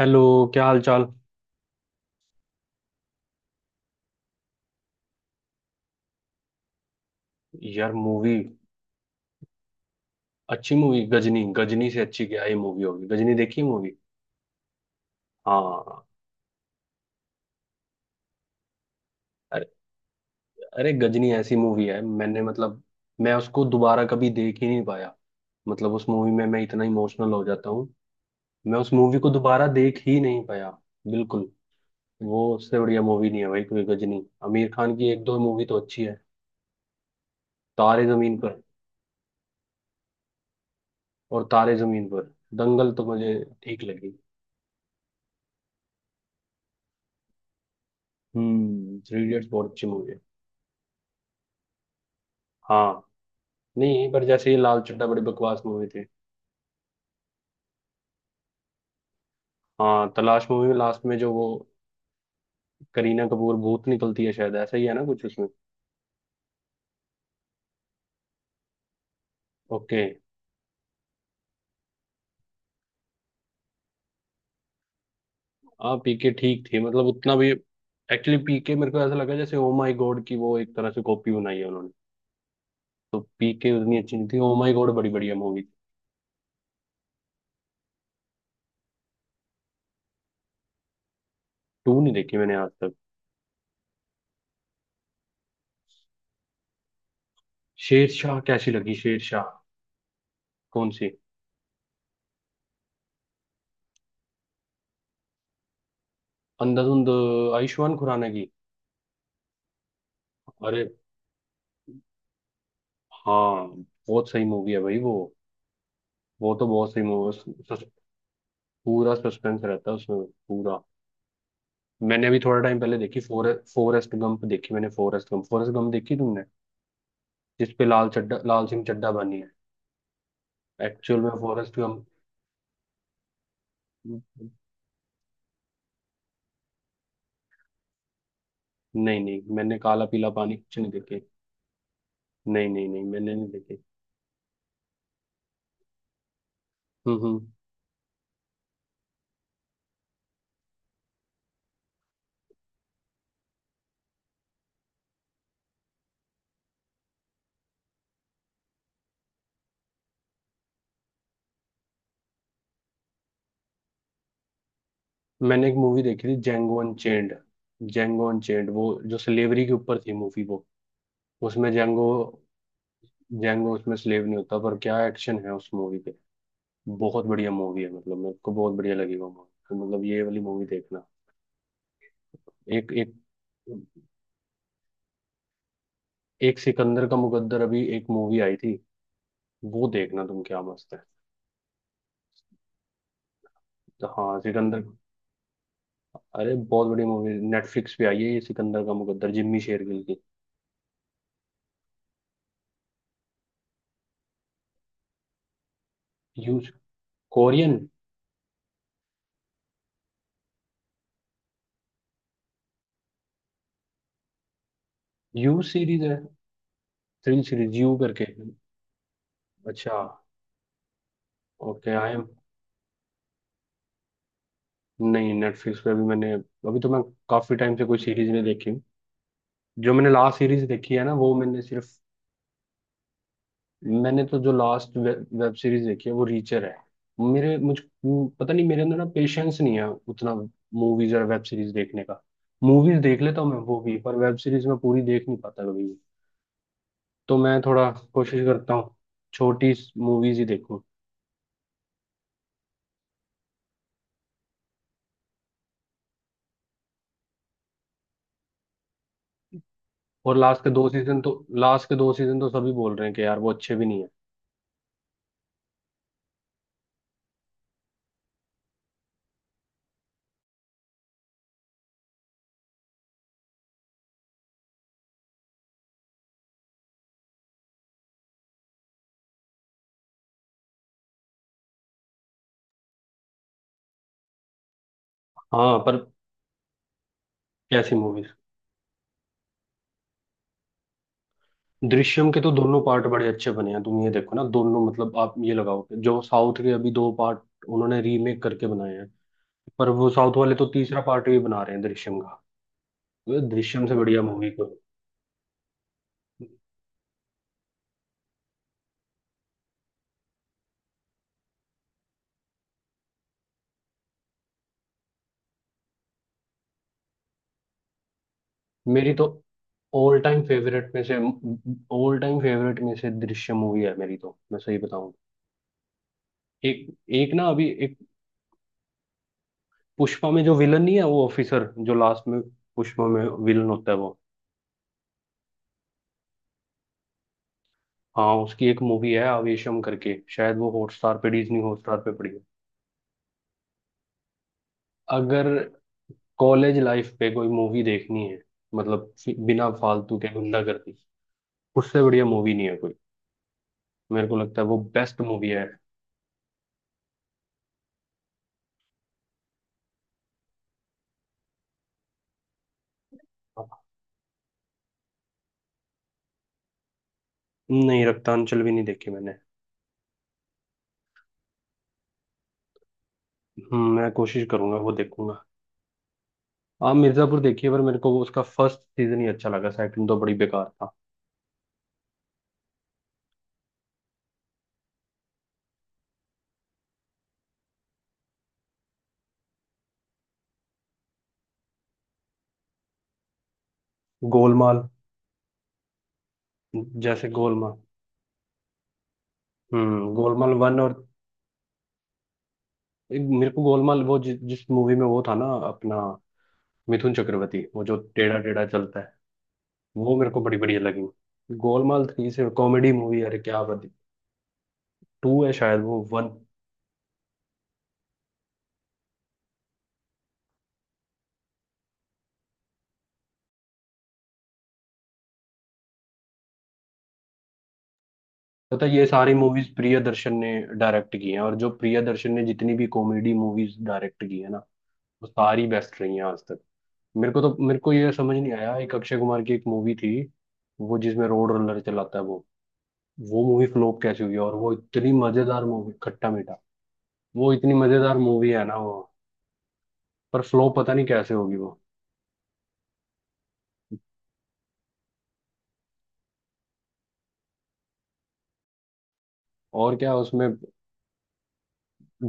Hello. क्या हाल चाल। यार मूवी। अच्छी मूवी गजनी। गजनी से अच्छी क्या ही मूवी होगी। गजनी देखी मूवी। हाँ। अरे। अरे गजनी ऐसी मूवी है, मैंने मतलब। मैं उसको दोबारा कभी देख ही नहीं पाया। मतलब उस मूवी में मैं इतना इमोशनल हो जाता हूँ। मैं उस मूवी को दोबारा देख ही नहीं पाया। बिल्कुल। वो उससे बढ़िया मूवी नहीं है भाई कोई। गजनी, आमिर खान की एक दो मूवी तो अच्छी है। तारे जमीन पर। और तारे जमीन पर। दंगल तो मुझे ठीक लगी। थ्री इडियट्स बहुत अच्छी मूवी है। हाँ। नहीं, पर जैसे ये लाल चड्ढा बड़ी बकवास मूवी थी। हाँ, तलाश मूवी में लास्ट में जो वो करीना कपूर भूत निकलती है, शायद ऐसा ही है ना कुछ उसमें। ओके। हाँ, पीके ठीक थी मतलब, उतना भी। एक्चुअली पीके मेरे को ऐसा लगा जैसे ओ माय गॉड की वो एक तरह से कॉपी बनाई है उन्होंने। तो पीके उतनी अच्छी नहीं थी। ओ माय गॉड बड़ी बढ़िया मूवी थी। टू नहीं देखी मैंने आज तक। शेरशाह कैसी लगी, शेरशाह। कौन सी। अंधाधुंध। आयुष्मान खुराना की। अरे। हाँ। बहुत सही मूवी है भाई वो। वो तो बहुत सही मूवी। पूरा सस्पेंस रहता है उसमें। पूरा। मैंने अभी थोड़ा टाइम पहले देखी फॉरेस्ट गंप, देखी मैंने फॉरेस्ट गंप। फॉरेस्ट गंप देखी तुमने। जिस पे लाल चड्ढा, लाल सिंह चड्ढा बनी है। एक्चुअल में फॉरेस्ट गंप। नहीं नहीं, मैंने काला पीला पानी कुछ नहीं देखे। नहीं नहीं नहीं, मैंने नहीं देखे। हम्म। मैंने एक मूवी देखी थी जेंगो अनचेंड। जेंगो अनचेंड वो जो स्लेवरी के ऊपर थी मूवी वो। उसमें जेंगो। जेंगो उसमें स्लेव नहीं होता पर क्या एक्शन है उस मूवी। बहुत बढ़िया मूवी है मतलब मेरे को बहुत बढ़िया लगी वो मूवी। तो मतलब ये वाली मूवी देखना। एक एक। एक सिकंदर का मुकद्दर, अभी एक मूवी आई थी। वो देखना तुम, क्या मस्त है। तो हाँ, सिकंदर। अरे बहुत बड़ी मूवी नेटफ्लिक्स पे आई है, ये सिकंदर का मुकद्दर, जिम्मी शेरगिल की। यू। कोरियन। यू सीरीज है। थ्रिल सीरीज यू करके। अच्छा। Okay I am. नहीं, नेटफ्लिक्स पे अभी मैंने, अभी तो मैं काफी टाइम से कोई सीरीज नहीं देखी हूँ। जो मैंने लास्ट सीरीज देखी है ना, वो मैंने सिर्फ। मैंने तो जो लास्ट वेब सीरीज देखी है, वो रीचर है। मेरे मुझ पता नहीं, मेरे अंदर ना पेशेंस नहीं है उतना मूवीज और वेब सीरीज देखने का। मूवीज देख लेता हूँ मैं वो भी, पर वेब सीरीज में पूरी देख नहीं पाता कभी भी। तो मैं थोड़ा कोशिश करता हूँ छोटी मूवीज ही देखूँ। और लास्ट के दो सीजन तो। लास्ट के दो सीजन तो सभी बोल रहे हैं कि यार वो अच्छे भी नहीं है। हाँ पर। कैसी मूवीज। दृश्यम के तो दोनों पार्ट बड़े अच्छे बने हैं। तुम ये देखो ना दोनों। मतलब आप ये लगाओ कि जो साउथ के अभी दो पार्ट उन्होंने रीमेक करके बनाए हैं। पर वो साउथ वाले तो तीसरा पार्ट भी बना रहे हैं दृश्यम का। वो दृश्यम से बढ़िया मूवी को। मेरी तो ऑल टाइम फेवरेट में से। ऑल टाइम फेवरेट में से दृश्यम मूवी है मेरी, तो मैं सही बताऊं। एक। एक ना अभी एक। पुष्पा में जो विलन नहीं है वो ऑफिसर जो लास्ट में। पुष्पा में विलन होता है वो। हाँ, उसकी एक मूवी है आवेशम करके, शायद वो हॉटस्टार पे, डिज्नी हॉटस्टार पे पड़ी है। अगर कॉलेज लाइफ पे कोई मूवी देखनी है, मतलब बिना फालतू के गुंडागर्दी, उससे बढ़िया मूवी नहीं है कोई। मेरे को लगता है वो बेस्ट मूवी है। नहीं, रक्तांचल भी नहीं देखी मैंने। मैं कोशिश करूंगा वो देखूंगा। आप मिर्जापुर देखिए, पर मेरे को वो उसका फर्स्ट सीजन ही अच्छा लगा, सेकंड तो बड़ी बेकार था। गोलमाल। जैसे गोलमाल। गोलमाल वन और एक मेरे को गोलमाल, वो जिस मूवी में वो था ना अपना मिथुन चक्रवर्ती, वो जो टेढ़ा टेढ़ा चलता है। वो मेरे को बड़ी बढ़िया लगी। गोलमाल थ्री से कॉमेडी मूवी, अरे क्या बात। टू है शायद वो, वन। पता है, ये सारी मूवीज प्रियदर्शन ने डायरेक्ट की हैं। और जो प्रियदर्शन ने जितनी भी कॉमेडी मूवीज डायरेक्ट की है ना, वो सारी बेस्ट रही हैं आज तक। मेरे को ये समझ नहीं आया, एक अक्षय कुमार की एक मूवी थी। वो जिसमें रोड रोलर चलाता है वो। वो मूवी फ्लॉप कैसे हुई, और वो इतनी मजेदार मूवी, खट्टा मीठा। वो इतनी मजेदार मूवी है ना वो। पर फ्लॉप पता नहीं कैसे होगी वो। और क्या उसमें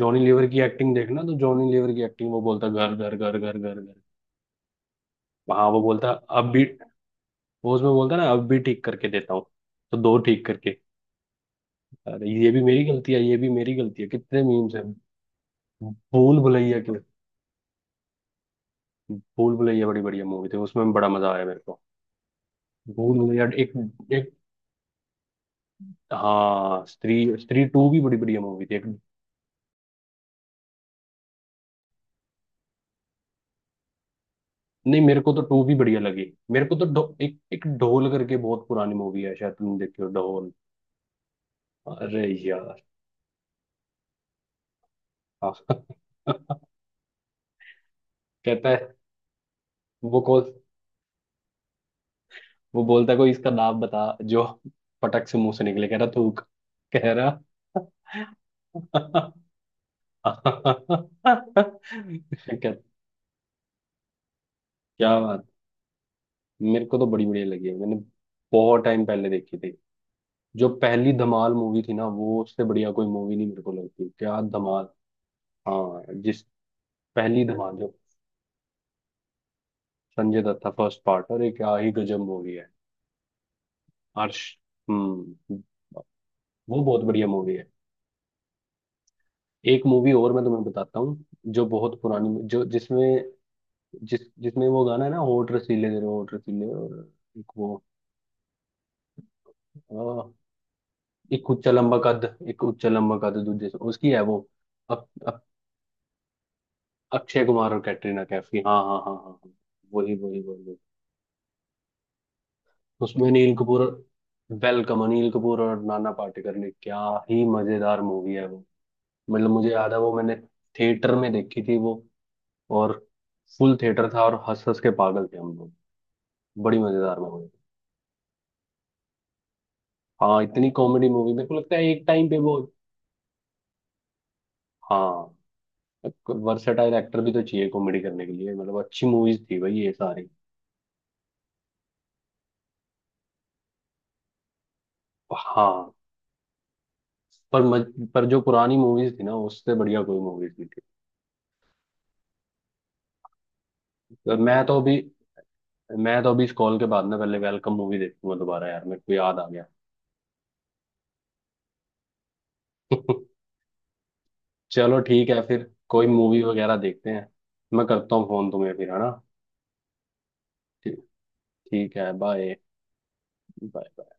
जॉनी लीवर की एक्टिंग देखना, तो जॉनी लीवर की एक्टिंग, वो बोलता घर घर घर घर घर घर। हाँ वो बोलता अब भी। वो उसमें बोलता है ना अब भी, ठीक करके देता हूँ। तो दो ठीक करके। अरे, ये भी मेरी गलती है, ये भी मेरी गलती है, कितने मीम्स हैं। भूल भुलैया के। भूल भुलैया बड़ी बढ़िया मूवी थी, उसमें बड़ा मजा आया मेरे को। भूल भुलैया एक। एक। हाँ, स्त्री, स्त्री टू भी बड़ी बढ़िया मूवी थी, एक। नहीं, मेरे को तो टू भी बढ़िया लगी। मेरे को तो एक एक ढोल करके बहुत पुरानी मूवी है, शायद तुमने देखी हो, ढोल। अरे यार। हाँ। कहता है। वो कौन। वो बोलता है कोई इसका नाम बता जो पटक से मुंह से निकले, कह रहा थूक। कह रहा। क्या। क्या बात। मेरे को तो बड़ी बढ़िया लगी है, मैंने बहुत टाइम पहले देखी थी। जो पहली धमाल मूवी थी ना, वो उससे बढ़िया कोई मूवी नहीं मेरे को लगती, क्या धमाल। हाँ जिस। पहली धमाल जो संजय दत्त था फर्स्ट पार्ट, और ये क्या ही गजब मूवी है। हर्ष। हम्म। वो बहुत बढ़िया मूवी है। एक मूवी और मैं तुम्हें बताता हूँ, जो बहुत पुरानी, जो जिसमें जिस जिसमें वो गाना है ना, होठ रसीले तेरे होठ रसीले, और एक वो अ, एक उच्चा लंबा कद, एक उच्चा लंबा कद दूजे से, उसकी है वो। अक, अक, अक्षय कुमार और कैटरीना कैफ की, हाँ हाँ हाँ हाँ हाँ। वही वही वही वही। उसमें अनिल कपूर। वेलकम। अनिल कपूर और नाना पाटेकर ने क्या ही मजेदार मूवी है वो। मतलब मुझे याद है वो, मैंने थिएटर में देखी थी वो, और फुल थिएटर था और हंस हंस के पागल थे हम लोग। बड़ी मजेदार मूवी। हाँ, इतनी कॉमेडी मूवी मेरे को लगता है एक टाइम पे वो। हाँ। वर्सेटाइल एक्टर भी तो चाहिए कॉमेडी करने के लिए, मतलब अच्छी मूवीज थी भाई ये सारी। हाँ, पर पर जो पुरानी मूवीज थी ना, उससे बढ़िया कोई मूवीज नहीं थी। तो मैं तो अभी इस कॉल के बाद ना पहले वेलकम मूवी देखूंगा दोबारा यार, मेरे को याद आ गया। चलो ठीक है, फिर कोई मूवी वगैरह देखते हैं। मैं करता हूँ फोन तुम्हें फिर, है ना। ठीक। ठीक है, बाय। बाय।